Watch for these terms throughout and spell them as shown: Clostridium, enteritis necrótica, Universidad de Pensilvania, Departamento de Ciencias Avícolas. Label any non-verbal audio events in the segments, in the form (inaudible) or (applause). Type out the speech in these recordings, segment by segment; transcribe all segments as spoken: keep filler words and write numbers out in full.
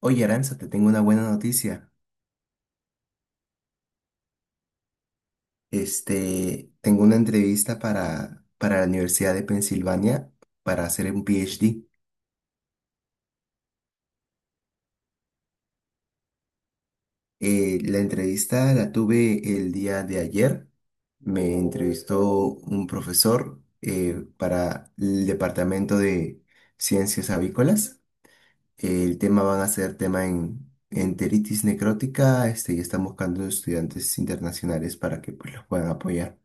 Oye, Aranza, te tengo una buena noticia. Este, tengo una entrevista para, para la Universidad de Pensilvania para hacer un P H D. Eh, la entrevista la tuve el día de ayer. Me entrevistó un profesor eh, para el Departamento de Ciencias Avícolas. el tema van a ser tema en enteritis necrótica, este, y están buscando estudiantes internacionales para que pues, los puedan apoyar.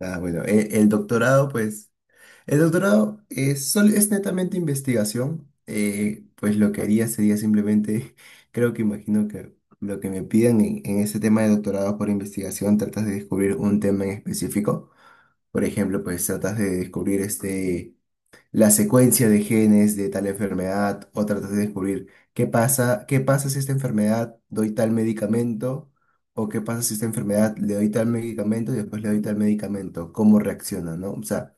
Ah, bueno, e- el doctorado, pues. El doctorado es, sol- es netamente investigación, eh, pues lo que haría sería simplemente, (laughs) creo que imagino que lo que me pidan en, en ese tema de doctorado por investigación, tratas de descubrir un tema en específico. Por ejemplo, pues tratas de descubrir este, la secuencia de genes de tal enfermedad o tratas de descubrir qué pasa, qué pasa si esta enfermedad doy tal medicamento o qué pasa si esta enfermedad le doy tal medicamento y después le doy tal medicamento, cómo reacciona, ¿no? O sea...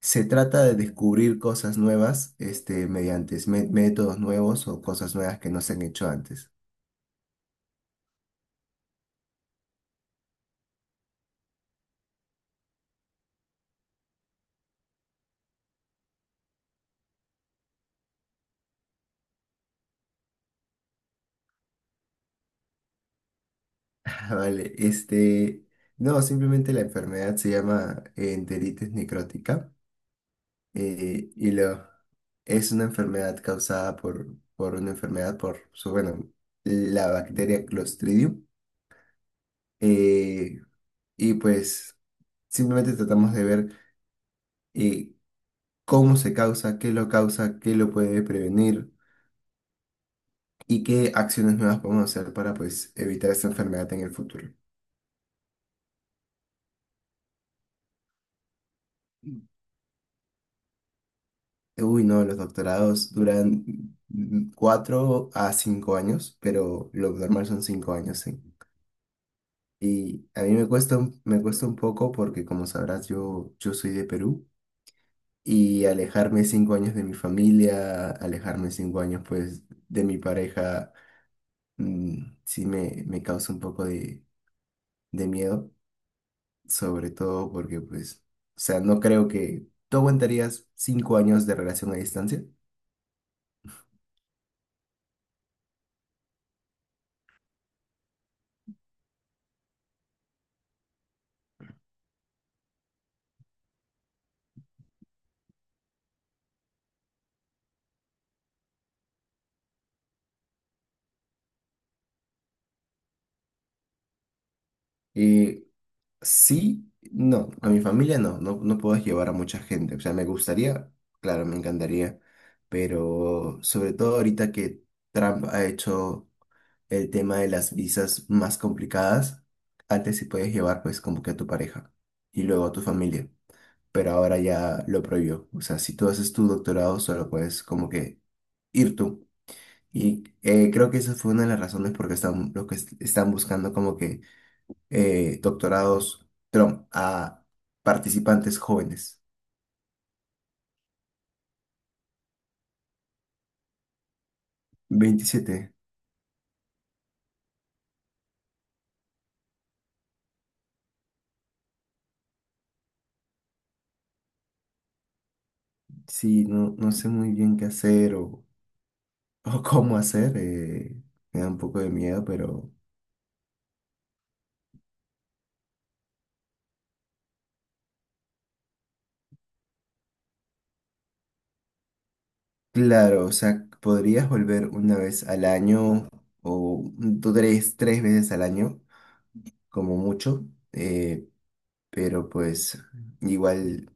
Se trata de descubrir cosas nuevas, este, mediante me- métodos nuevos o cosas nuevas que no se han hecho antes. (laughs) Ah, vale, este, no, simplemente la enfermedad se llama eh, enteritis necrótica. eh, y lo, es una enfermedad causada por, por una enfermedad por, su- bueno, la bacteria Clostridium. eh, y pues simplemente tratamos de ver eh, cómo se causa, qué lo causa, qué lo puede prevenir. ¿Y qué acciones nuevas podemos hacer para pues evitar esta enfermedad en el futuro? Uy, no, los doctorados duran mm, cuatro a cinco años, pero lo normal son cinco años, sí. Y a mí me cuesta, un- me cuesta un poco porque, como sabrás, yo, yo soy de Perú y alejarme cinco años de mi familia, alejarme cinco años, pues, de mi pareja, mm, sí me, me causa un poco de, de miedo. Sobre todo porque, pues, o sea, no creo que tú aguantarías cinco años de relación a distancia. Eh, sí, no, a mi familia no, no, no puedo llevar a mucha gente. O sea, me gustaría, claro, me encantaría, pero sobre todo ahorita que Trump ha hecho el tema de las visas más complicadas, antes sí podías llevar, pues, como que a tu pareja y luego a tu familia. Pero ahora ya lo prohibió. O sea, si tú haces tu doctorado, solo puedes como que ir tú. Y eh, creo que esa fue una de las razones por qué están, lo que es- están buscando como que eh, doctorados Trump a participantes jóvenes. Veintisiete. Sí, no, no sé muy bien qué hacer o, o cómo hacer. Eh, me da un poco de miedo, pero claro, o sea, podrías volver una vez al año o tú tres, tres veces al año, como mucho, eh, pero pues igual.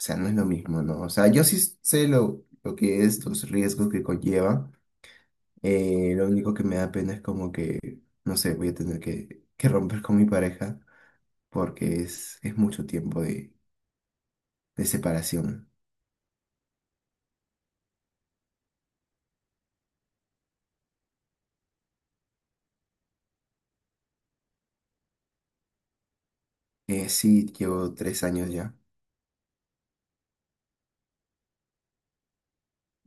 O sea, no es lo mismo, ¿no? O sea, yo sí sé lo, lo que es, los riesgos que conlleva. Eh, lo único que me da pena es como que, no sé, voy a tener que, que romper con mi pareja porque es, es mucho tiempo de, de separación. Eh, sí, llevo tres años ya.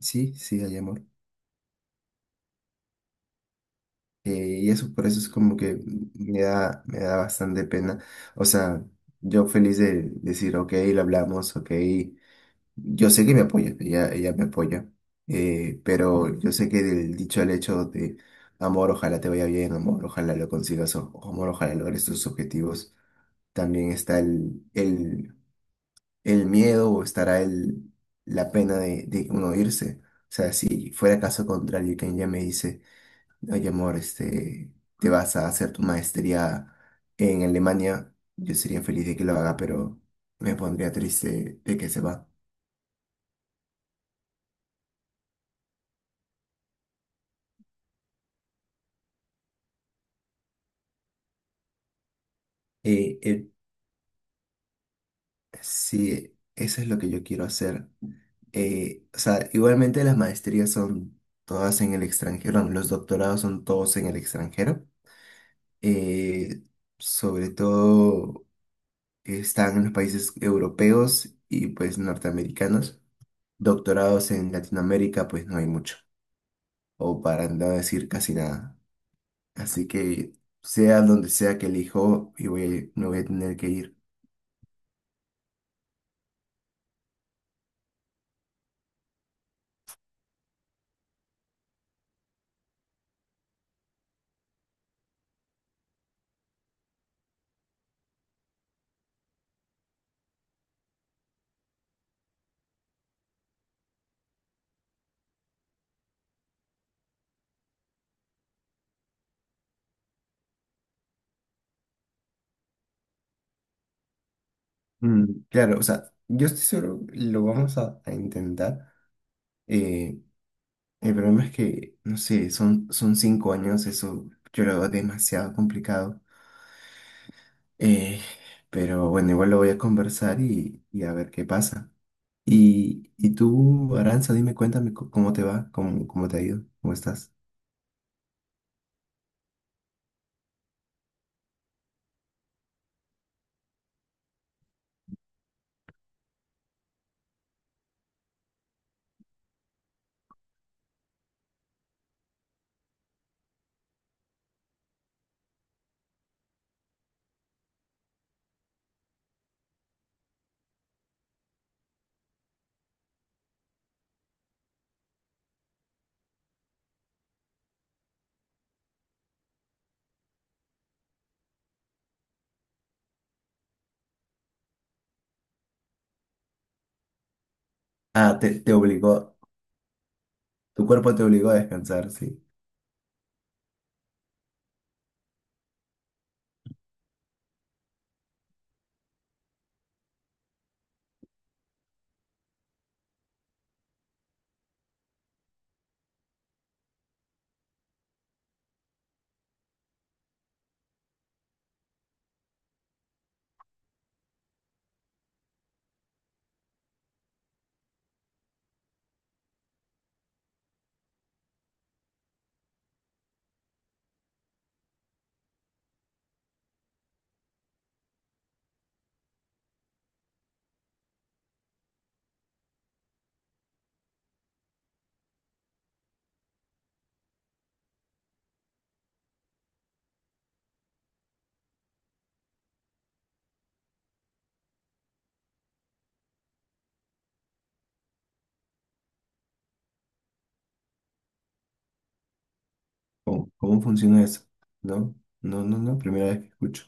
Sí, sí, hay amor. Eh, y eso, por eso es como que me da, me da bastante pena. O sea, yo feliz de decir, ok, lo hablamos, ok, yo sé que me apoya, ella, ella me apoya, eh, pero yo sé que del dicho al hecho de amor, ojalá te vaya bien, amor, ojalá lo consigas, o, amor, ojalá logres tus objetivos, también está el, el, el miedo o estará el, la pena de, de uno irse. O sea, si fuera caso contrario, y que ella me dice, oye, amor, este, te vas a hacer tu maestría en Alemania, yo sería feliz de que lo haga, pero me pondría triste de que se va. Eh, Sí, eso es lo que yo quiero hacer. Eh, o sea, igualmente las maestrías son todas en el extranjero, bueno, los doctorados son todos en el extranjero. Eh, sobre todo están en los países europeos y pues norteamericanos. Doctorados en Latinoamérica pues no hay mucho, o para no decir casi nada. Así que sea donde sea que elijo, y voy, a- me voy a tener que ir. Mm, claro, o sea, yo estoy seguro, lo vamos a a intentar. Eh, el problema es que, no sé, son, son cinco años, eso yo lo veo demasiado complicado. Eh, pero bueno, igual lo voy a conversar y, y a ver qué pasa. Y, y tú, Aranza, dime, cuéntame c- cómo te va, cómo, cómo te ha ido, cómo estás. Ah, te, te obligó, tu cuerpo te obligó a descansar, sí. ¿Cómo, cómo funciona eso? No, no, no, no, primera vez que escucho.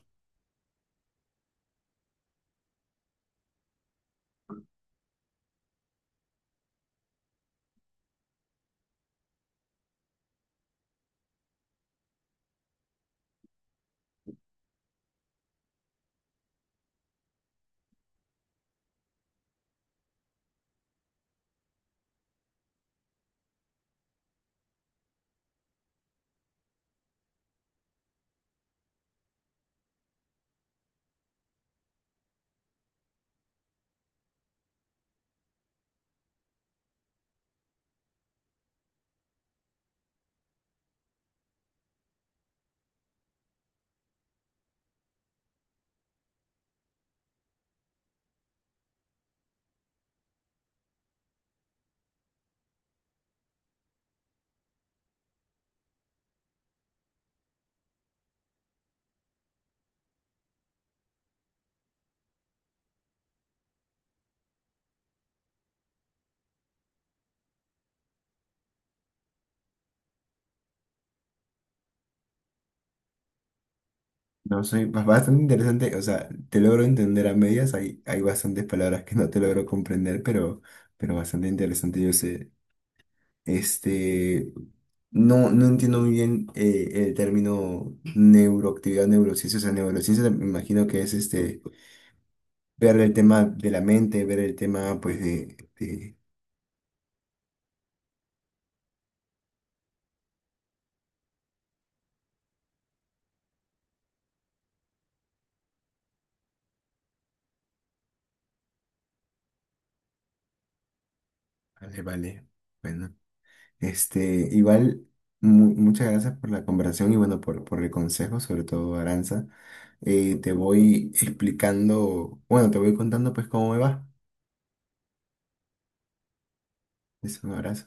No sé, ba- bastante interesante, o sea, te logro entender a medias, hay, hay bastantes palabras que no te logro comprender, pero, pero bastante interesante, yo sé. Este, no, no entiendo muy bien eh, el término neuroactividad, neurociencia, o sea, neurociencia me imagino que es este, ver el tema de la mente, ver el tema, pues, de, de- Vale, vale, bueno, este, igual, mu- muchas gracias por la conversación y bueno, por, por el consejo, sobre todo, Aranza. Eh, te voy explicando, bueno, te voy contando pues cómo me va. Es un abrazo.